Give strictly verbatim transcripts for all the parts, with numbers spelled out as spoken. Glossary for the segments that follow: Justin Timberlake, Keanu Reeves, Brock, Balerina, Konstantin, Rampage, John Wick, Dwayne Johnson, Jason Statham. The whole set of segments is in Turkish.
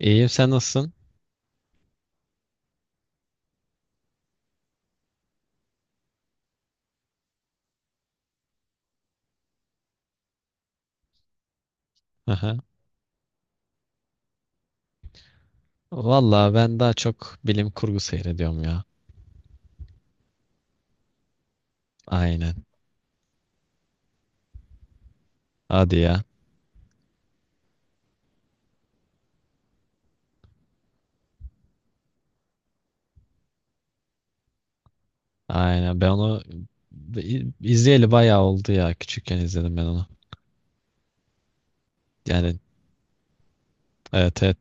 İyiyim, sen nasılsın? Aha. Vallahi ben daha çok bilim kurgu seyrediyorum ya. Aynen. Hadi ya. Aynen. Ben onu izleyeli bayağı oldu ya. Küçükken izledim ben onu. Yani evet evet.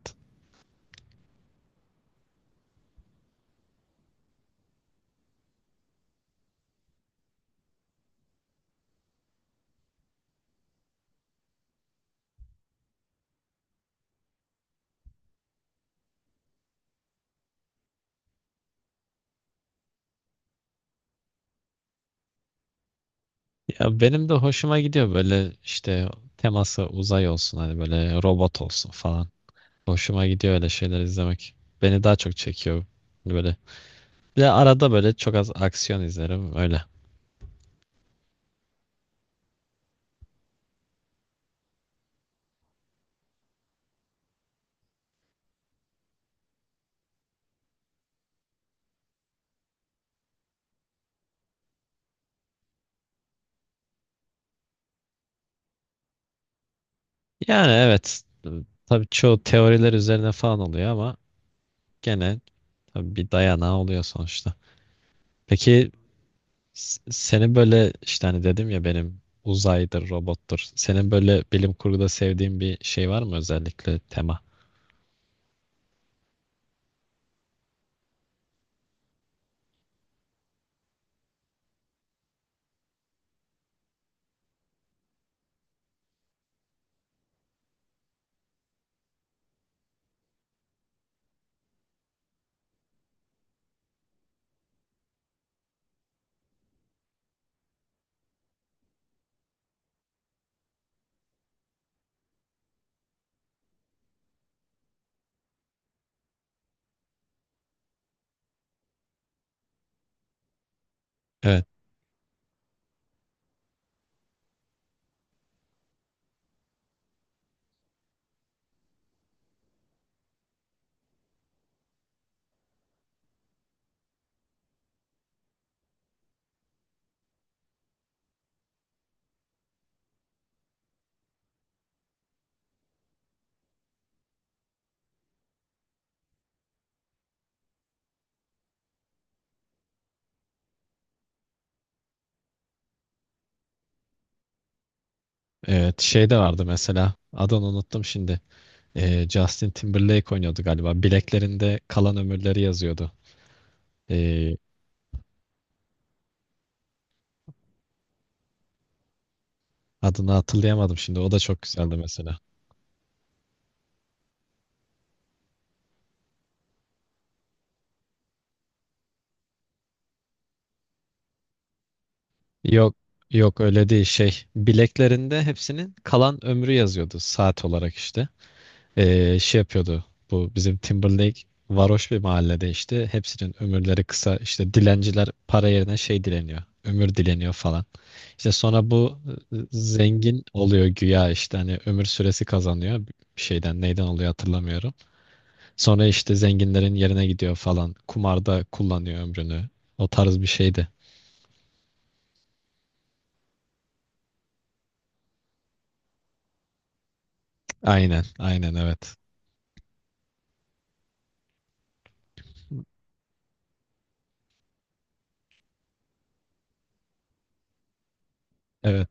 Ya benim de hoşuma gidiyor böyle işte teması uzay olsun hani böyle robot olsun falan. Hoşuma gidiyor öyle şeyler izlemek. Beni daha çok çekiyor böyle. Bir de arada böyle çok az aksiyon izlerim öyle. Yani evet. Tabii çoğu teoriler üzerine falan oluyor ama gene tabii bir dayanağı oluyor sonuçta. Peki s- senin böyle işte hani dedim ya benim uzaydır, robottur. Senin böyle bilim kurguda sevdiğin bir şey var mı özellikle tema? Evet, evet şey de vardı mesela adını unuttum şimdi. Ee, Justin Timberlake oynuyordu galiba. Bileklerinde kalan ömürleri yazıyordu. Ee, adını hatırlayamadım şimdi. O da çok güzeldi mesela. Yok, yok öyle değil şey. Bileklerinde hepsinin kalan ömrü yazıyordu saat olarak işte. Ee, şey yapıyordu. Bu bizim Timberlake varoş bir mahallede işte hepsinin ömürleri kısa, işte dilenciler para yerine şey dileniyor. Ömür dileniyor falan. İşte sonra bu e, zengin oluyor güya, işte hani ömür süresi kazanıyor. Bir şeyden neyden oluyor hatırlamıyorum. Sonra işte zenginlerin yerine gidiyor falan. Kumarda kullanıyor ömrünü. O tarz bir şeydi. Aynen, aynen evet. Evet,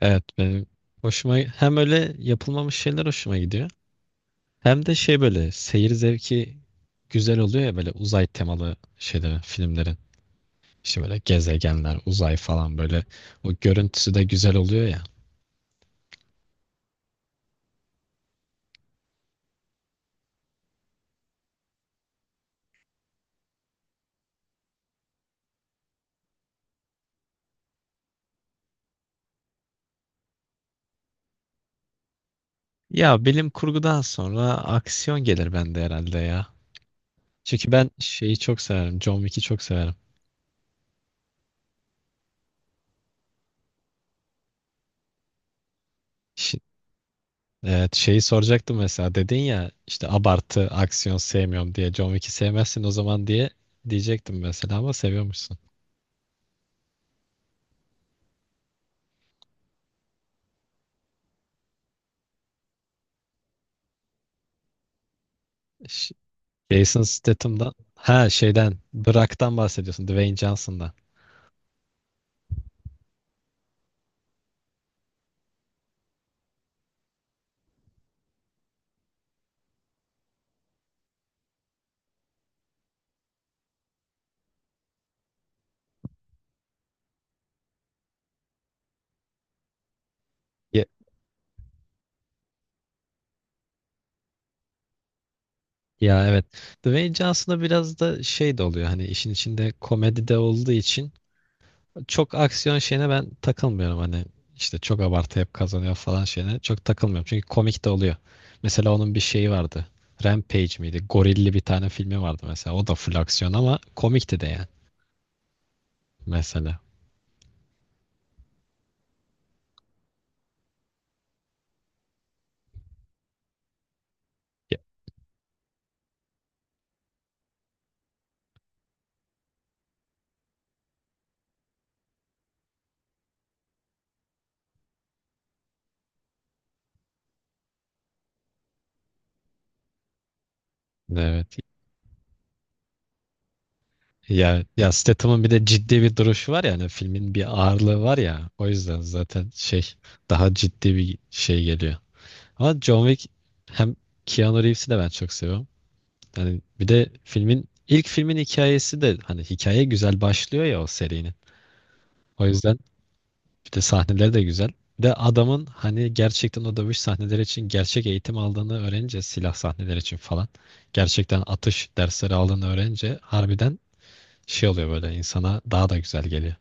evet benim hoşuma hem öyle yapılmamış şeyler hoşuma gidiyor. Hem de şey böyle seyir zevki güzel oluyor ya böyle uzay temalı şeylerin, filmlerin. İşte böyle gezegenler, uzay falan böyle o görüntüsü de güzel oluyor ya. Ya bilim kurgudan sonra aksiyon gelir bende herhalde ya. Çünkü ben şeyi çok severim. John Wick'i çok severim. Şi- evet şeyi soracaktım mesela dedin ya işte abartı aksiyon sevmiyorum diye John Wick'i sevmezsin o zaman diye diyecektim mesela ama seviyormuşsun. Jason Statham'dan ha şeyden Brock'tan bahsediyorsun, Dwayne Johnson'dan. Ya, ya evet. Dwayne Johnson'a biraz da şey de oluyor hani işin içinde komedi de olduğu için çok aksiyon şeyine ben takılmıyorum hani işte çok abartı hep kazanıyor falan şeyine çok takılmıyorum çünkü komik de oluyor. Mesela onun bir şeyi vardı. Rampage miydi? Gorilli bir tane filmi vardı mesela. O da full aksiyon ama komikti de yani mesela. Ya, evet. Ya, ya Statham'ın bir de ciddi bir duruşu var ya hani filmin bir ağırlığı var ya o yüzden zaten şey daha ciddi bir şey geliyor. Ama John Wick hem Keanu Reeves'i de ben çok seviyorum. Yani bir de filmin ilk filmin hikayesi de hani hikaye güzel başlıyor ya o serinin. O yüzden bir de sahneleri de güzel. Bir de adamın hani gerçekten o dövüş sahneleri için gerçek eğitim aldığını öğrenince, silah sahneleri için falan gerçekten atış dersleri aldığını öğrenince harbiden şey oluyor böyle insana, daha da güzel geliyor.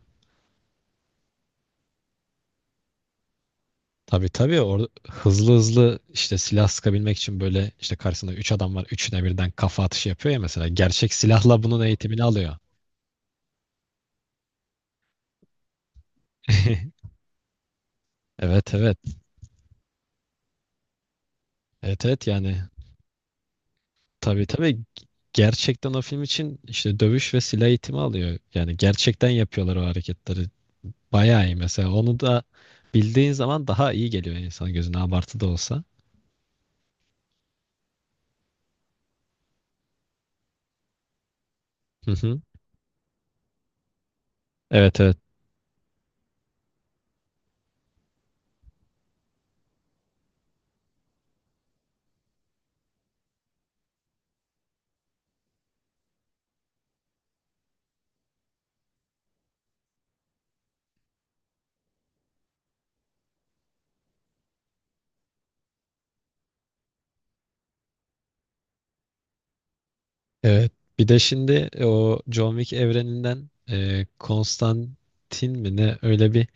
Tabii tabii orada hızlı hızlı işte silah sıkabilmek için böyle işte karşısında üç adam var. Üçüne birden kafa atışı yapıyor ya mesela. Gerçek silahla bunun eğitimini alıyor. Evet evet. Evet evet yani tabii tabii gerçekten o film için işte dövüş ve silah eğitimi alıyor. Yani gerçekten yapıyorlar o hareketleri. Bayağı iyi mesela. Onu da bildiğin zaman daha iyi geliyor insan gözüne abartı da olsa. Hı hı. Evet evet. Evet. Bir de şimdi e, o John Wick evreninden e, Konstantin mi ne öyle bir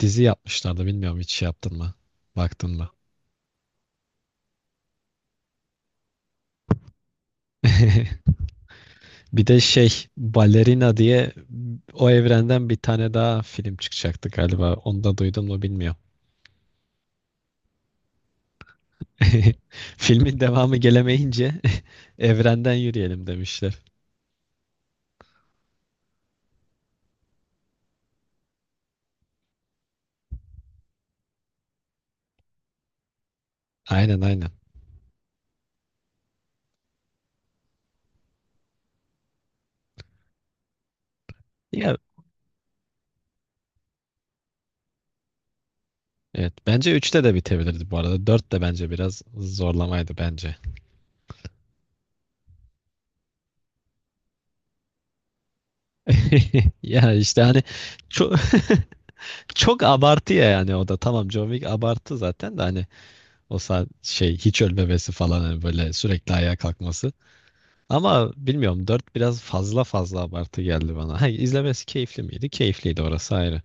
dizi yapmışlardı. Bilmiyorum, hiç şey yaptın mı? Baktın mı? Bir de şey Balerina diye o evrenden bir tane daha film çıkacaktı galiba. Onu da duydun mu bilmiyorum. Filmin devamı gelemeyince evrenden yürüyelim demişler. Aynen aynen. Ya evet, bence üçte de bitebilirdi bu arada. Dört de bence biraz zorlamaydı bence. Ya işte hani çok çok abartı ya, yani o da tamam, John Wick abartı zaten, de hani o saat şey hiç ölmemesi falan hani böyle sürekli ayağa kalkması. Ama bilmiyorum, dört biraz fazla fazla abartı geldi bana. Ha, izlemesi keyifli miydi? Keyifliydi, orası ayrı.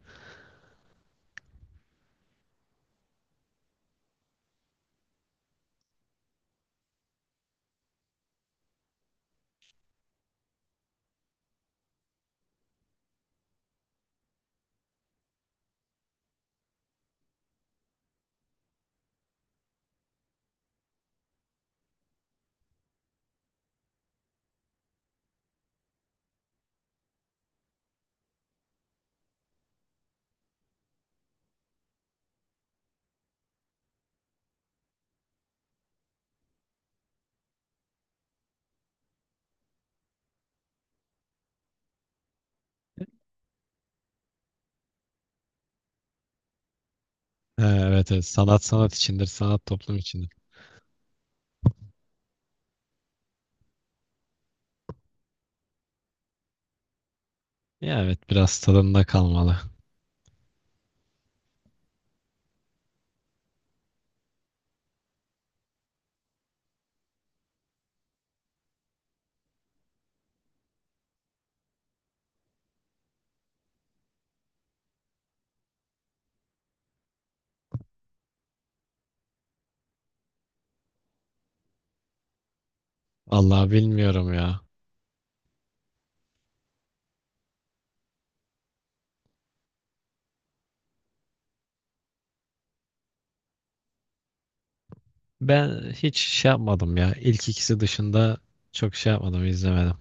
Ha, evet evet, sanat sanat içindir, sanat toplum içindir. Ya evet, biraz tadında kalmalı. Allah bilmiyorum ya. Ben hiç şey yapmadım ya. İlk ikisi dışında çok şey yapmadım, izlemedim.